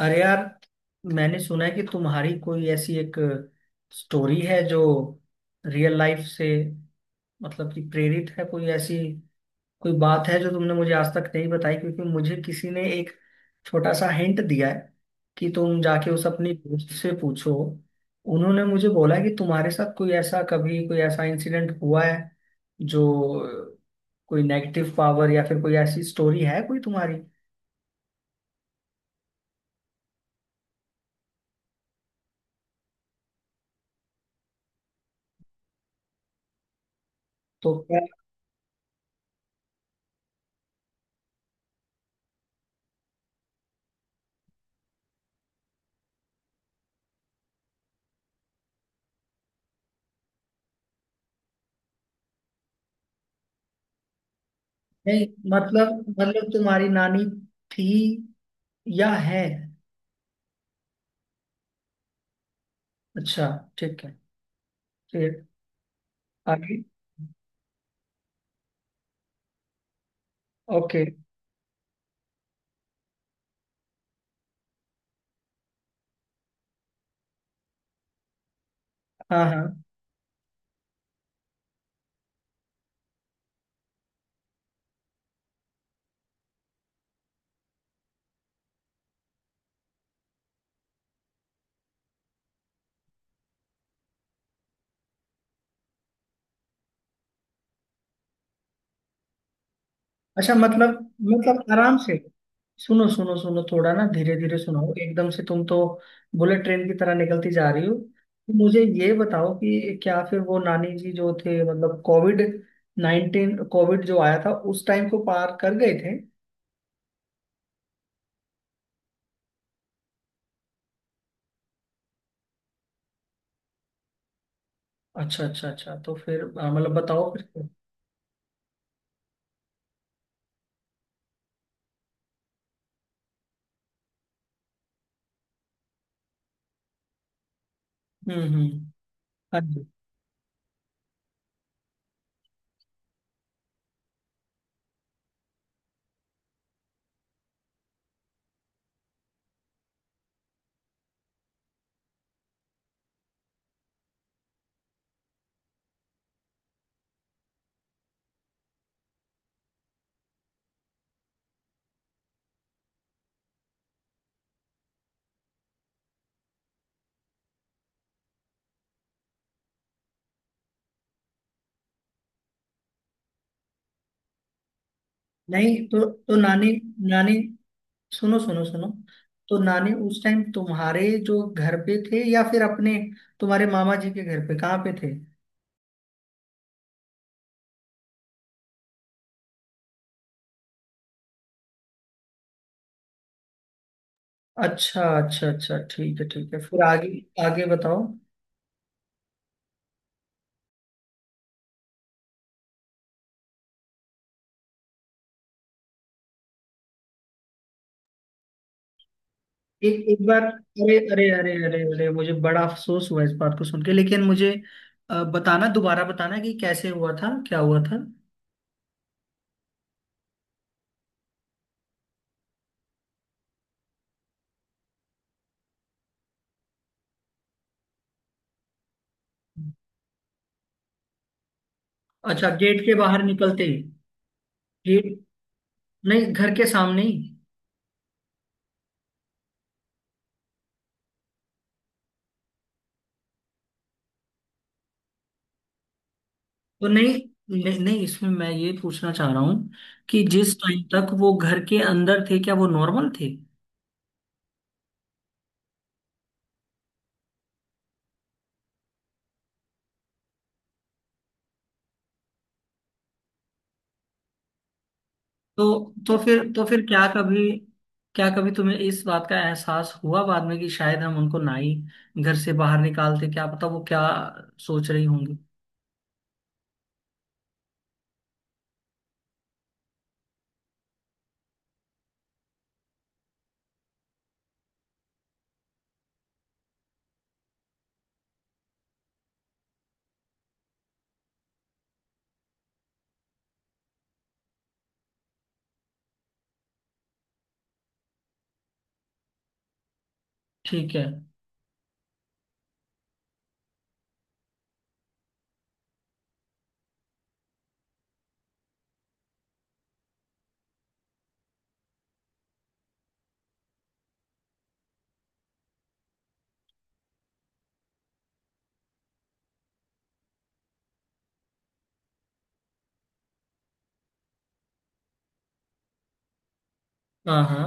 अरे यार, मैंने सुना है कि तुम्हारी कोई ऐसी एक स्टोरी है जो रियल लाइफ से मतलब कि प्रेरित है। कोई ऐसी कोई बात है जो तुमने मुझे आज तक नहीं बताई, क्योंकि मुझे किसी ने एक छोटा सा हिंट दिया है कि तुम जाके उस अपनी दोस्त से पूछो। उन्होंने मुझे बोला कि तुम्हारे साथ कोई ऐसा कभी कोई ऐसा इंसिडेंट हुआ है जो कोई नेगेटिव पावर या फिर कोई ऐसी स्टोरी है कोई तुम्हारी। तो क्या? नहीं, मतलब मतलब तुम्हारी नानी थी या है? अच्छा, ठीक है, फिर? आगे? ओके। हाँ, हाँ। अच्छा, मतलब आराम से सुनो, सुनो, सुनो। थोड़ा ना धीरे धीरे सुनाओ, एकदम से तुम तो बुलेट ट्रेन की तरह निकलती जा रही हो। तो मुझे ये बताओ कि क्या फिर वो नानी जी जो थे मतलब COVID-19, कोविड जो आया था उस टाइम को पार कर गए थे? अच्छा, अच्छा, अच्छा। तो फिर हाँ, मतलब बताओ फिर। हम्म। हम्म। नहीं, तो नानी, नानी, सुनो, सुनो, सुनो, तो नानी उस टाइम तुम्हारे जो घर पे थे या फिर अपने तुम्हारे मामा जी के घर पे कहाँ पे थे? अच्छा, अच्छा, अच्छा, ठीक है, ठीक है, फिर आगे। आगे बताओ। एक एक बार, अरे, अरे, अरे, अरे, अरे, मुझे बड़ा अफसोस हुआ इस बात को सुन के। लेकिन मुझे बताना, दोबारा बताना कि कैसे हुआ था, क्या हुआ था। अच्छा, गेट के बाहर निकलते ही? गेट? नहीं, घर के सामने ही? तो नहीं, नहीं, नहीं, इसमें मैं ये पूछना चाह रहा हूँ कि जिस टाइम तक वो घर के अंदर थे क्या वो नॉर्मल थे? तो फिर, तो फिर क्या कभी तुम्हें इस बात का एहसास हुआ बाद में कि शायद हम उनको ना ही घर से बाहर निकालते, क्या पता वो क्या सोच रही होंगी? ठीक है। हाँ, हाँ।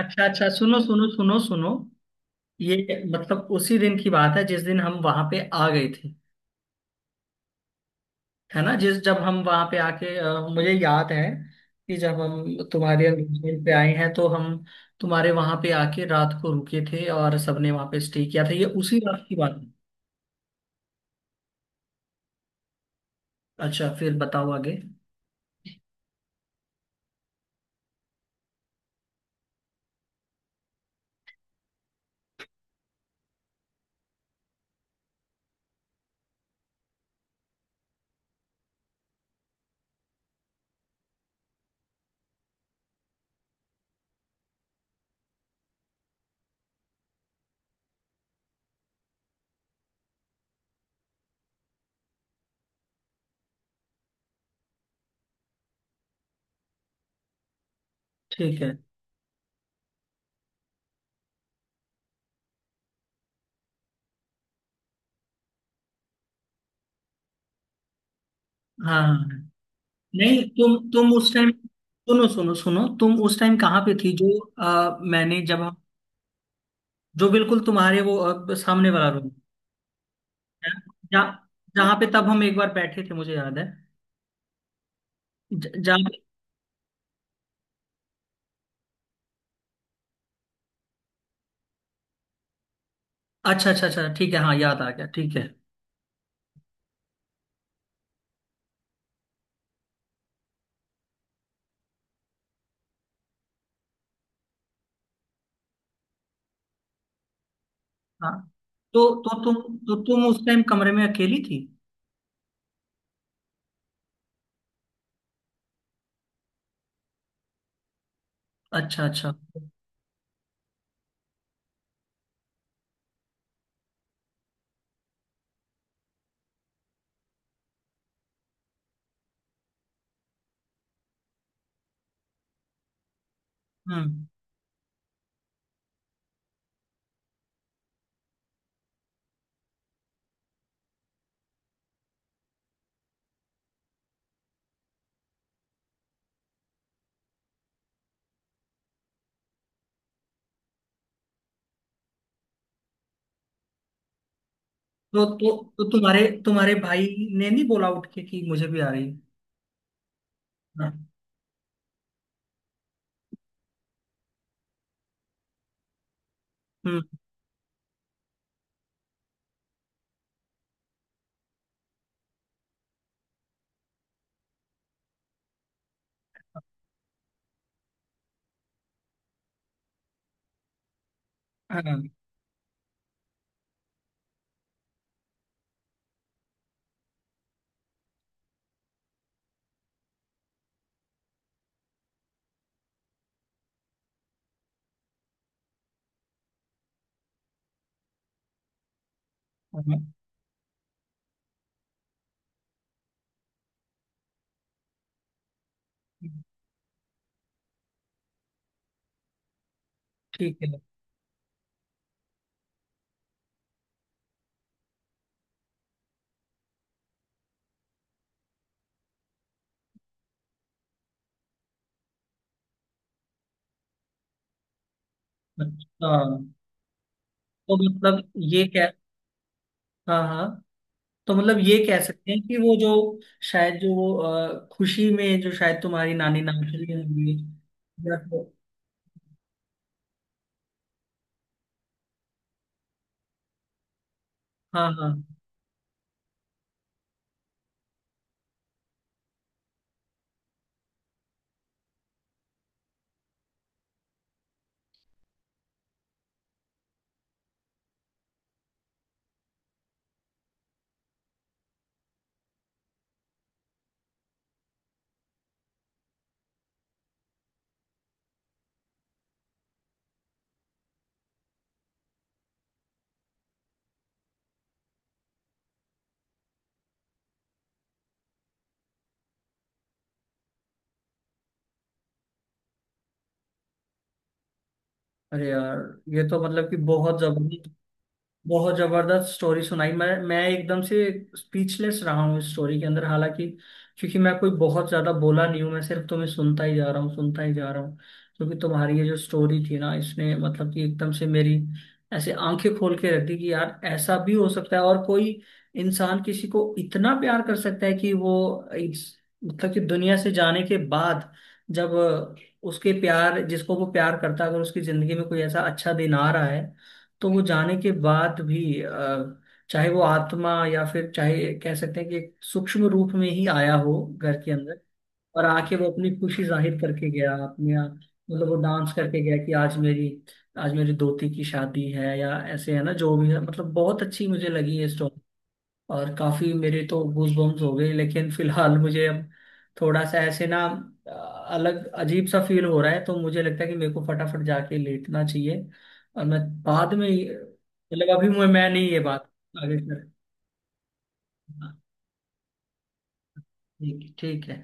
अच्छा, अच्छा, सुनो, सुनो, सुनो, सुनो, ये मतलब उसी दिन की बात है जिस दिन हम वहां पे आ गए थे? है ना? जिस जब हम वहां पे आके मुझे याद है कि जब हम तुम्हारे एंगेजमेंट पे आए हैं तो हम तुम्हारे वहां पे आके रात को रुके थे और सबने वहां पे स्टे किया था, ये उसी रात की बात है? अच्छा, फिर बताओ आगे। ठीक है। हाँ, हाँ, हाँ। नहीं, तुम उस टाइम, सुनो, सुनो, सुनो, तुम उस टाइम कहाँ पे थी? जो मैंने जब हम जो बिल्कुल तुम्हारे वो सामने वाला रूम है, जहाँ जहाँ पे तब हम एक बार बैठे थे, मुझे याद है। ज- जहाँ अच्छा, अच्छा, अच्छा, ठीक है, हाँ याद आ गया, ठीक है। हाँ। तो तो तुम तो तुम उस टाइम कमरे में अकेली थी? अच्छा, अच्छा। हम्म। तो तो तो तुम्हारे तुम्हारे भाई ने नहीं बोला उठ के कि मुझे भी आ रही है? हाँ। हम्म। हाँ, हाँ, ठीक है। अच्छा, तो मतलब ये कह हाँ, हाँ, तो मतलब ये कह सकते हैं कि वो जो शायद जो खुशी में जो शायद तुम्हारी नानी नाम चली होंगी, या तो- हाँ, हाँ। अरे यार, ये तो मतलब कि बहुत जबरदस्त, बहुत जबरदस्त स्टोरी सुनाई। मैं एकदम से स्पीचलेस रहा हूँ इस स्टोरी के अंदर। हालांकि, क्योंकि मैं कोई बहुत ज्यादा बोला नहीं हूँ, मैं सिर्फ तुम्हें सुनता ही जा रहा हूँ, सुनता ही जा रहा हूँ, क्योंकि तुम्हारी ये जो स्टोरी थी ना इसने मतलब कि एकदम से मेरी ऐसे आंखें खोल के रख दी कि यार ऐसा भी हो सकता है। और कोई इंसान किसी को इतना प्यार कर सकता है कि वो इस- मतलब कि दुनिया से जाने के बाद, जब उसके प्यार जिसको वो प्यार करता है अगर उसकी जिंदगी में कोई ऐसा अच्छा दिन आ रहा है तो वो जाने के बाद भी, चाहे वो आत्मा या फिर चाहे कह सकते हैं कि एक सूक्ष्म रूप में ही आया हो घर के अंदर, और आके वो अपनी खुशी जाहिर करके गया अपने आप। मतलब वो डांस करके गया कि आज मेरी दोती की शादी है या ऐसे, है ना, जो भी है, मतलब बहुत अच्छी मुझे लगी ये स्टोरी। और काफी मेरे तो गूज बम्स हो गए, लेकिन फिलहाल मुझे अब थोड़ा सा ऐसे ना अ, अलग अजीब सा फील हो रहा है तो मुझे लगता है कि मेरे को फटाफट जाके लेटना चाहिए। और मैं बाद में, मतलब अभी मैं नहीं ये बात आगे कर। हाँ, ठीक, ठीक है।